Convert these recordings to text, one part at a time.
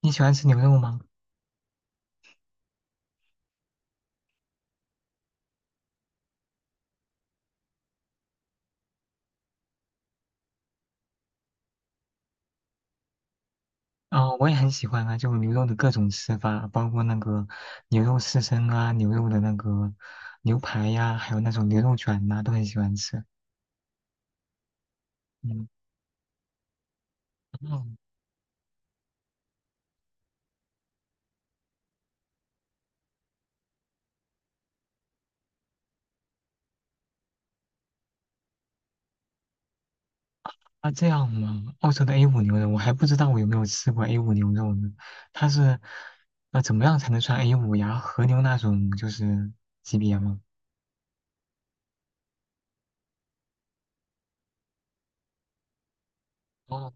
你喜欢吃牛肉吗？啊，我也很喜欢啊，就牛肉的各种吃法，包括那个牛肉刺身啊，牛肉的那个牛排呀、还有那种牛肉卷呐、都很喜欢吃。嗯，哦，啊这样嘛，澳洲的 a 五牛肉，我还不知道我有没有吃过 a 五牛肉呢。它是，怎么样才能算 a 五呀？和牛那种就是级别吗？哦，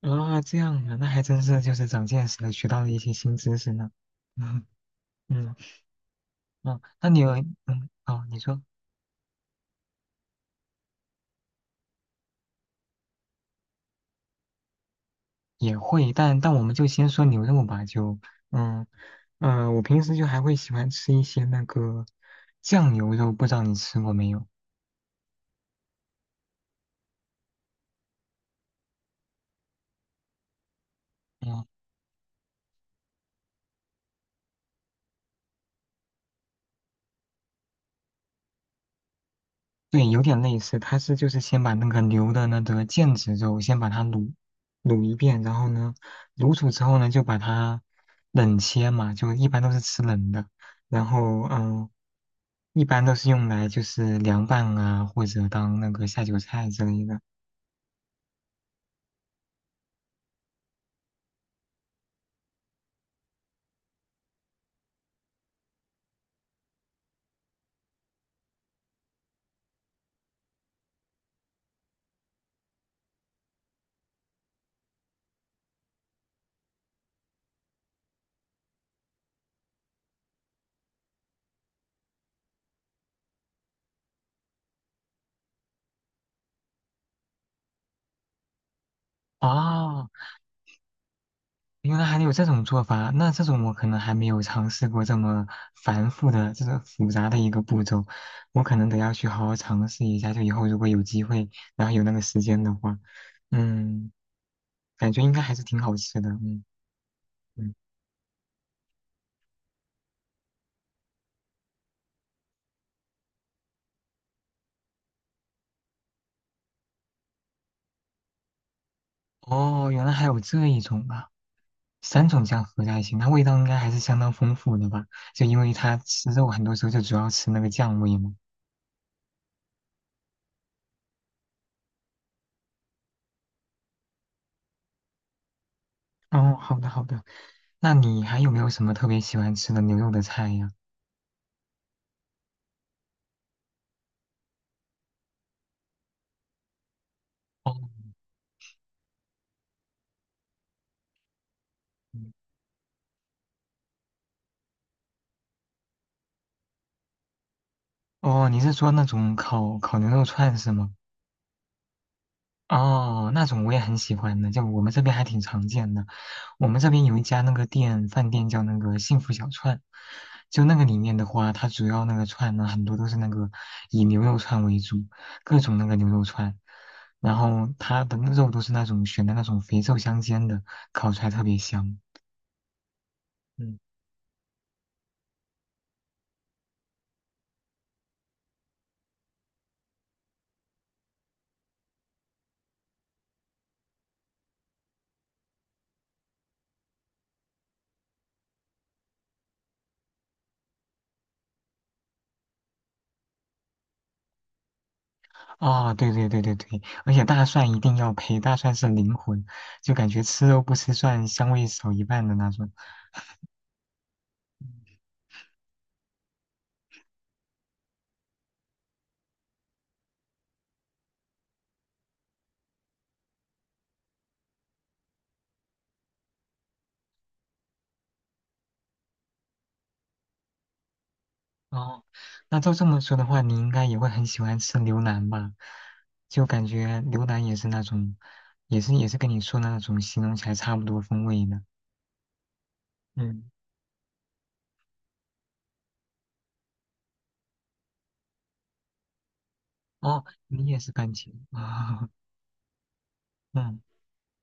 啊这样啊，那还真是就是长见识了，学到了一些新知识呢。嗯嗯，哦，那你有嗯哦，你说。也会，但我们就先说牛肉吧，就嗯嗯，我平时就还会喜欢吃一些那个酱牛肉，不知道你吃过没有？嗯，对，有点类似，它是就是先把那个牛的那个腱子肉先把它卤一遍，然后呢，卤煮之后呢，就把它冷切嘛，就一般都是吃冷的，然后嗯，一般都是用来就是凉拌啊，或者当那个下酒菜之类的。啊，原来还有这种做法，那这种我可能还没有尝试过这么繁复的、这个复杂的一个步骤，我可能得要去好好尝试一下。就以后如果有机会，然后有那个时间的话，嗯，感觉应该还是挺好吃的。嗯嗯，哦，原来还有这一种啊，三种酱合在一起，那味道应该还是相当丰富的吧？就因为它吃肉很多时候就主要吃那个酱味嘛。哦，好的好的，那你还有没有什么特别喜欢吃的牛肉的菜呀？哦。哦，你是说那种烤牛肉串是吗？哦，那种我也很喜欢的，就我们这边还挺常见的。我们这边有一家那个店，饭店叫那个幸福小串，就那个里面的话，它主要那个串呢，很多都是那个以牛肉串为主，各种那个牛肉串，然后它的那肉都是那种选的那种肥瘦相间的，烤出来特别香。嗯啊、对对对对对，而且大蒜一定要配，大蒜是灵魂，就感觉吃肉不吃蒜，香味少一半的那种。哦，那照这么说的话，你应该也会很喜欢吃牛腩吧？就感觉牛腩也是那种，也是跟你说的那种形容起来差不多风味的。嗯，哦，你也是番茄啊、嗯，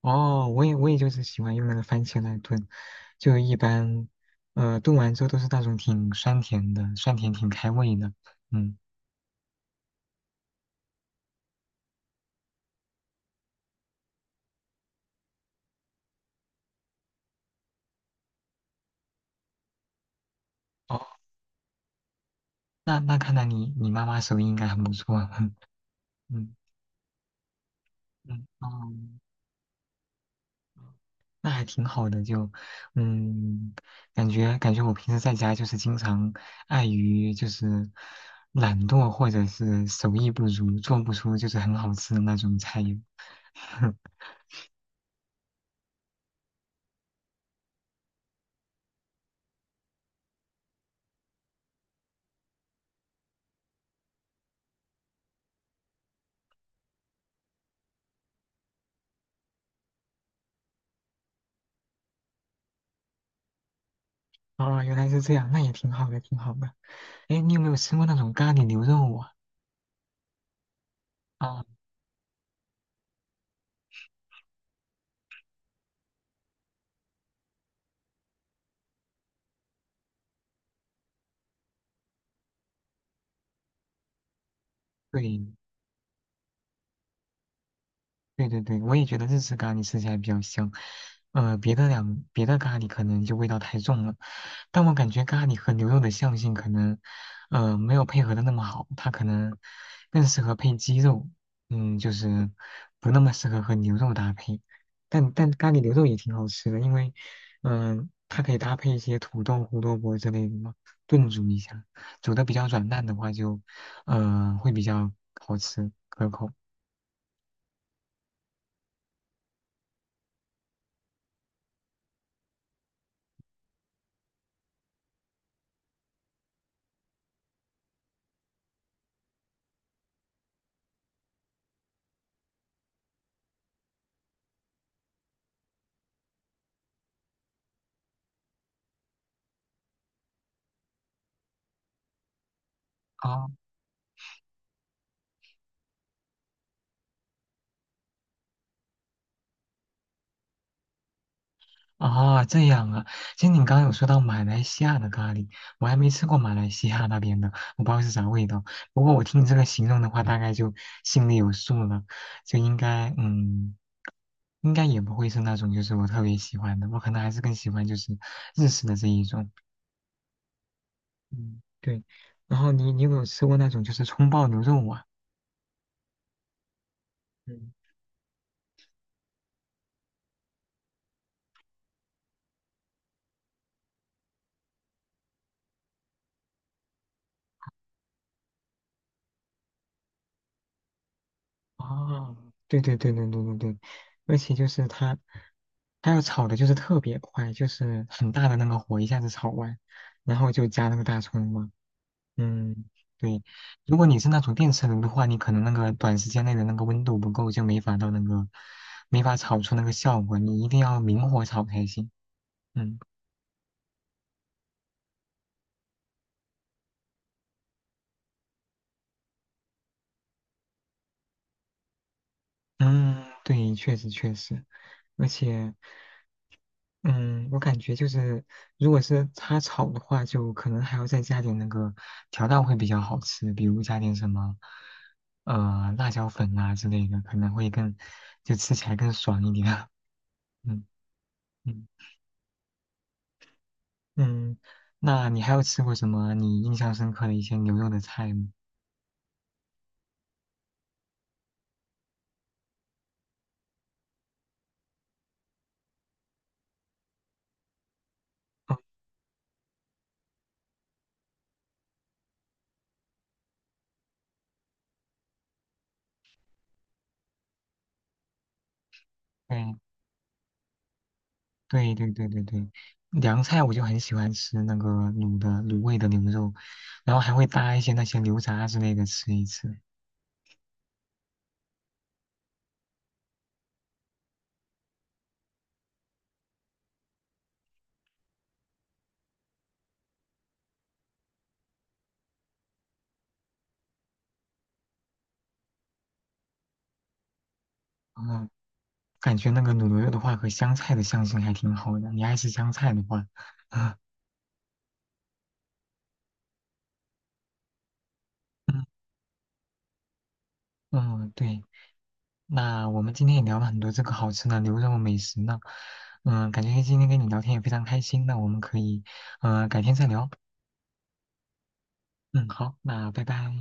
哦，我也就是喜欢用那个番茄来炖，就一般，炖完之后都是那种挺酸甜的，酸甜挺开胃的。嗯。哦，那看来你妈妈手艺应该很不错啊，嗯嗯哦，那还挺好的，就嗯，感觉我平时在家就是经常碍于就是懒惰或者是手艺不足，做不出就是很好吃的那种菜肴。哦，原来是这样，那也挺好的，挺好的。哎，你有没有吃过那种咖喱牛肉啊？啊，对对对对，我也觉得日式咖喱吃起来比较香，别的咖喱可能就味道太重了，但我感觉咖喱和牛肉的相性可能，没有配合的那么好，它可能更适合配鸡肉，嗯，就是不那么适合和牛肉搭配，但咖喱牛肉也挺好吃的，因为，嗯、它可以搭配一些土豆、胡萝卜之类的嘛，炖煮一下，煮的比较软烂的话就，会比较好吃可口。啊。啊，这样啊，其实你刚刚有说到马来西亚的咖喱，我还没吃过马来西亚那边的，我不知道是啥味道。不过我听你这个形容的话，大概就心里有数了，就应该，嗯，应该也不会是那种就是我特别喜欢的，我可能还是更喜欢就是日式的这一种。嗯，对。然后你有没有吃过那种就是葱爆牛肉啊？哦，对对对对对对对，而且就是它，它要炒的就是特别快，就是很大的那个火一下子炒完，然后就加那个大葱嘛。嗯，对。如果你是那种电磁炉的话，你可能那个短时间内的那个温度不够，就没法到那个，没法炒出那个效果。你一定要明火炒才行。嗯嗯，对，确实确实，而且。嗯，我感觉就是，如果是它炒的话，就可能还要再加点那个调料会比较好吃，比如加点什么，辣椒粉啊之类的，可能会更，就吃起来更爽一点。嗯嗯嗯，那你还有吃过什么你印象深刻的一些牛肉的菜吗？哦，对对对对对对，凉菜我就很喜欢吃那个卤的卤味的牛肉，然后还会搭一些那些牛杂之类的吃一吃。哦感觉那个卤牛肉的话和香菜的香型还挺好的。你爱吃香菜的话，啊，嗯嗯，对。那我们今天也聊了很多这个好吃的牛肉美食呢，嗯，感觉今天跟你聊天也非常开心。那我们可以，改天再聊。嗯，好，那拜拜。